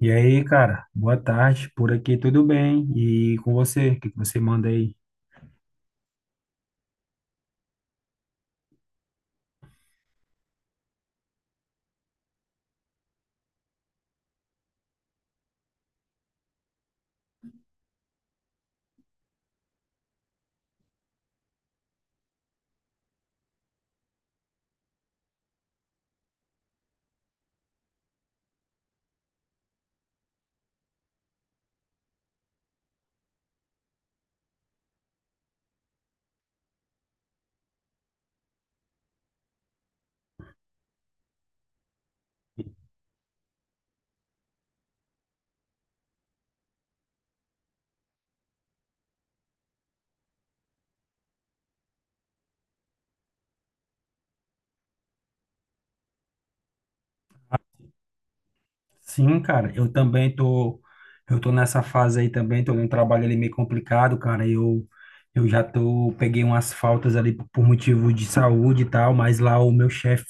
E aí, cara, boa tarde. Por aqui tudo bem? E com você, o que que você manda aí? Sim, cara, eu tô nessa fase aí também, tô num trabalho ali meio complicado, cara. Eu já tô, peguei umas faltas ali por motivo de saúde e tal, mas lá o meu chefe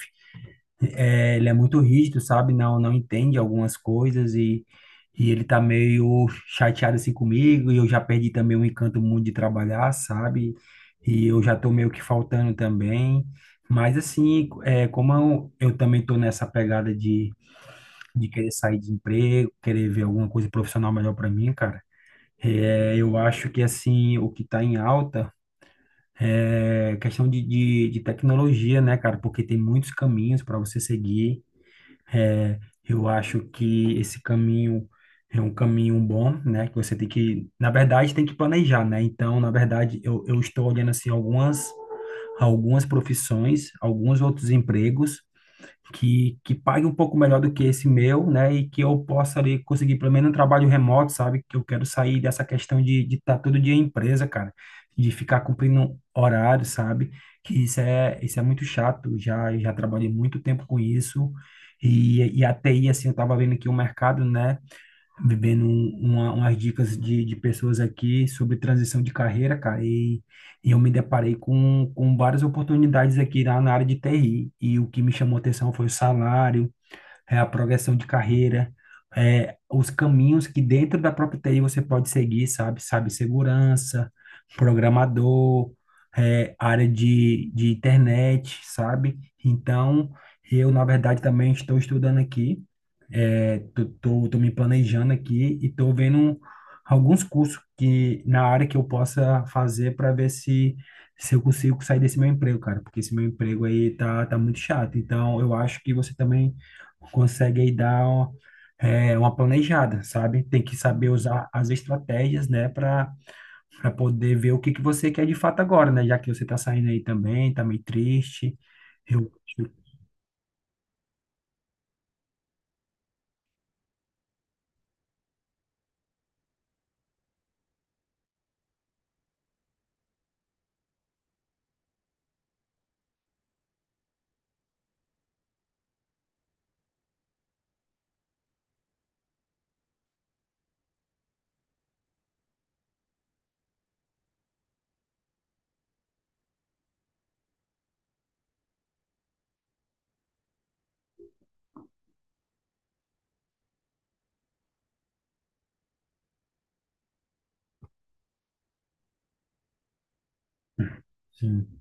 é, ele é muito rígido, sabe? Não, não entende algumas coisas e ele tá meio chateado assim comigo. E eu já perdi também o encanto muito de trabalhar, sabe? E eu já tô meio que faltando também. Mas assim, como eu também tô nessa pegada de querer sair de emprego, querer ver alguma coisa profissional melhor para mim, cara, eu acho que assim, o que tá em alta. É questão de tecnologia, né, cara? Porque tem muitos caminhos para você seguir. É, eu acho que esse caminho é um caminho bom, né? Que você tem que, na verdade, tem que planejar, né? Então, na verdade, eu estou olhando assim algumas profissões, alguns outros empregos que pague um pouco melhor do que esse meu, né? E que eu possa ali conseguir pelo menos um trabalho remoto, sabe? Que eu quero sair dessa questão de estar todo dia em empresa, cara, de ficar cumprindo horário, sabe? Que isso é muito chato. Já trabalhei muito tempo com isso. E a TI, assim, eu estava vendo aqui o mercado, né, bebendo umas dicas de pessoas aqui sobre transição de carreira, cara, e eu me deparei com várias oportunidades aqui na área de TI, e o que me chamou atenção foi o salário, a progressão de carreira, os caminhos que dentro da própria TI você pode seguir, sabe? Sabe, segurança, programador, área de internet, sabe? Então, eu, na verdade, também estou estudando aqui, tô me planejando aqui e tô vendo alguns cursos que na área que eu possa fazer para ver se eu consigo sair desse meu emprego, cara, porque esse meu emprego aí tá muito chato. Então, eu acho que você também consegue aí dar uma planejada, sabe? Tem que saber usar as estratégias, né, para poder ver o que que você quer de fato agora, né? Já que você tá saindo aí também, tá meio triste. Eu, eu- sim,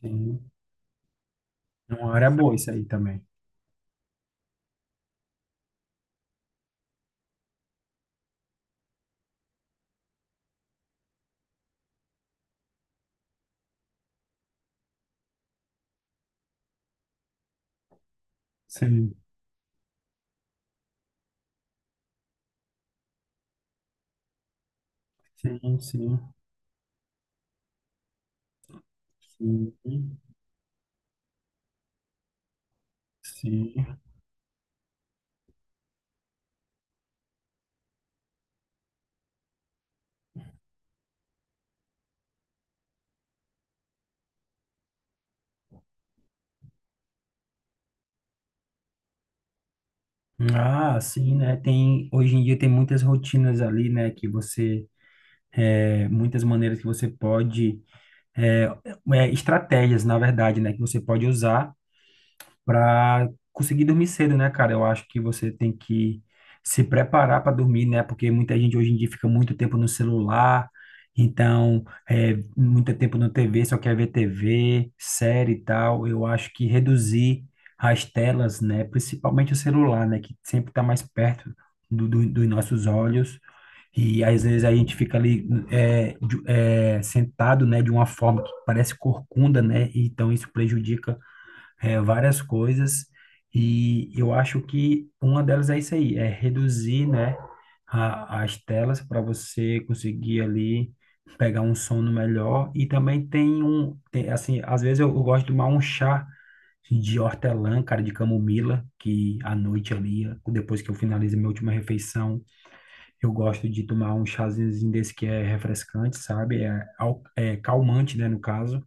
sim. É uma área boa isso aí também. Sim, sim, sim, sim, sim. Ah, sim, né? Tem, hoje em dia tem muitas rotinas ali, né? Que você, muitas maneiras que você pode, é, estratégias, na verdade, né? Que você pode usar. Para conseguir dormir cedo, né, cara? Eu acho que você tem que se preparar para dormir, né? Porque muita gente hoje em dia fica muito tempo no celular, então, muito tempo na TV, só quer ver TV, série e tal. Eu acho que reduzir as telas, né? Principalmente o celular, né? Que sempre está mais perto dos nossos olhos. E às vezes a gente fica ali sentado, né, de uma forma que parece corcunda, né? Então isso prejudica várias coisas e eu acho que uma delas é isso aí, é reduzir, né, as telas para você conseguir ali pegar um sono melhor e também tem, assim, às vezes eu gosto de tomar um chá de hortelã, cara, de camomila, que à noite ali, depois que eu finalizo minha última refeição, eu gosto de tomar um chazinho desse que é refrescante, sabe? É calmante, né, no caso.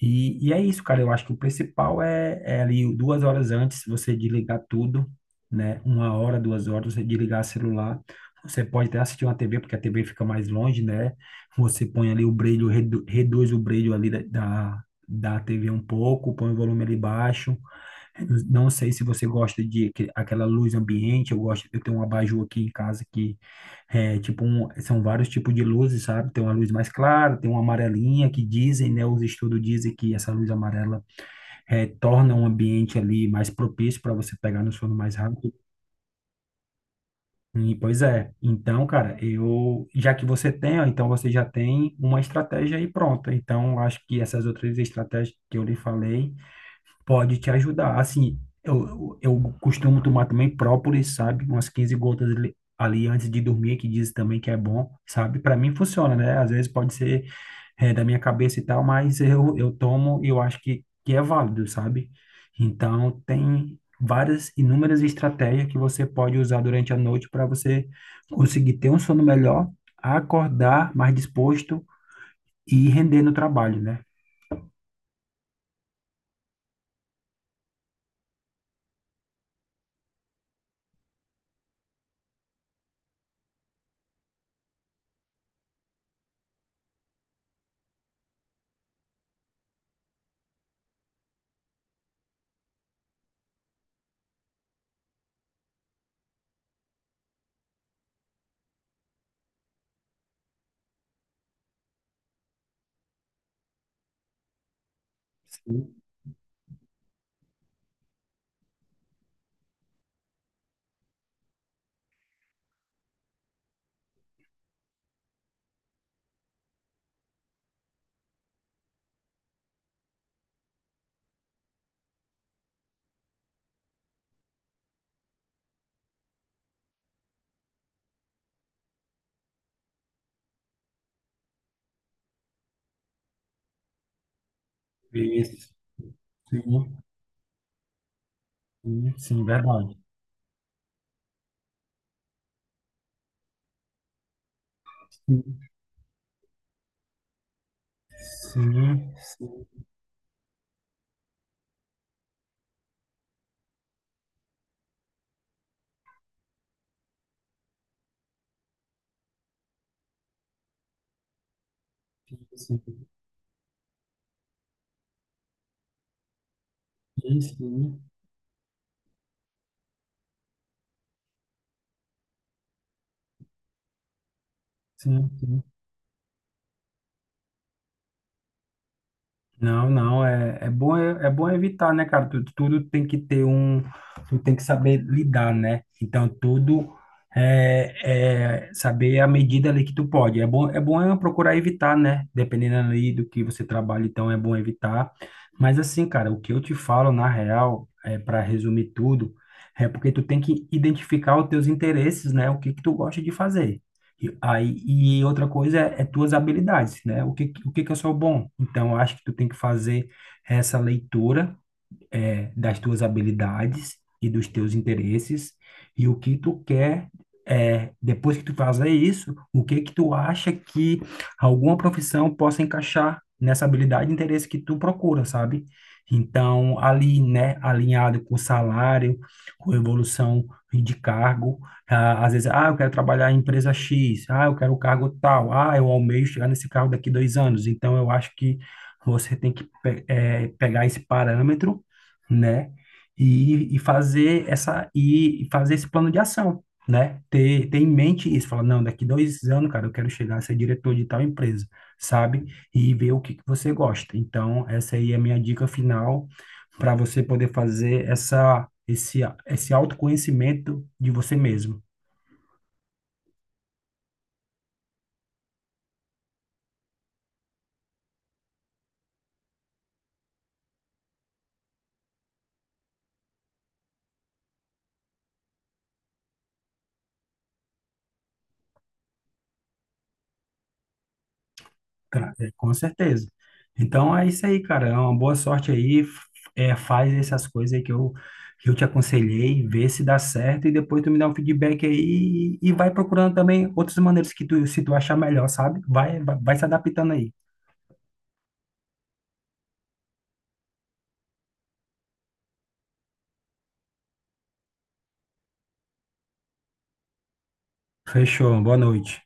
E é isso, cara. Eu acho que o principal é ali 2 horas antes você desligar tudo, né? 1 hora, 2 horas, você desligar o celular. Você pode até assistir uma TV, porque a TV fica mais longe, né? Você põe ali o brilho, reduz o brilho ali da TV um pouco, põe o volume ali baixo. Não sei se você gosta de aquela luz ambiente, eu gosto, eu tenho um abajur aqui em casa que é tipo um, são vários tipos de luzes, sabe? Tem uma luz mais clara, tem uma amarelinha que dizem, né, os estudos dizem que essa luz amarela torna um ambiente ali mais propício para você pegar no sono mais rápido. E, pois é. Então, cara, eu já que você tem, ó, então você já tem uma estratégia aí pronta. Então, acho que essas outras estratégias que eu lhe falei pode te ajudar. Assim, eu costumo tomar também própolis, sabe? Umas 15 gotas ali antes de dormir, que diz também que é bom, sabe? Para mim funciona, né? Às vezes pode ser da minha cabeça e tal, mas eu tomo e eu acho que é válido, sabe? Então, tem várias, inúmeras estratégias que você pode usar durante a noite para você conseguir ter um sono melhor, acordar mais disposto e render no trabalho, né? Sim, isso. Sim. Sim, sim, verdade. Sim, sim, sim, sim, sim, sim, sim, sim, sim. Não, não, é bom, é bom evitar, né, cara? Tudo, tudo tem que ter um, tu tem que saber lidar, né? Então, tudo é saber a medida ali que tu pode. É bom é procurar evitar, né? Dependendo ali do que você trabalha, então é bom evitar. Mas assim, cara, o que eu te falo, na real, é para resumir tudo, é porque tu tem que identificar os teus interesses, né? O que que tu gosta de fazer. E, aí, e outra coisa é tuas habilidades, né? O que que eu sou bom? Então, eu acho que tu tem que fazer essa leitura, das tuas habilidades e dos teus interesses e o que tu quer, depois que tu fazer isso, o que que tu acha que alguma profissão possa encaixar nessa habilidade e interesse que tu procura, sabe? Então, ali, né, alinhado com salário, com evolução de cargo, ah, às vezes, ah, eu quero trabalhar em empresa X, ah, eu quero o cargo tal, ah, eu almejo chegar nesse cargo daqui 2 anos. Então, eu acho que você tem que pegar esse parâmetro, né? E fazer esse plano de ação, né? Ter em mente isso, falar, não, daqui 2 anos, cara, eu quero chegar a ser diretor de tal empresa, sabe? E ver o que que você gosta. Então, essa aí é a minha dica final para você poder fazer essa esse esse autoconhecimento de você mesmo. Com certeza. Então é isso aí, cara. É uma boa sorte aí. Faz essas coisas aí que eu te aconselhei, vê se dá certo e depois tu me dá um feedback aí e vai procurando também outras maneiras que tu, se tu achar melhor, sabe? Vai, vai, vai se adaptando aí. Fechou. Boa noite.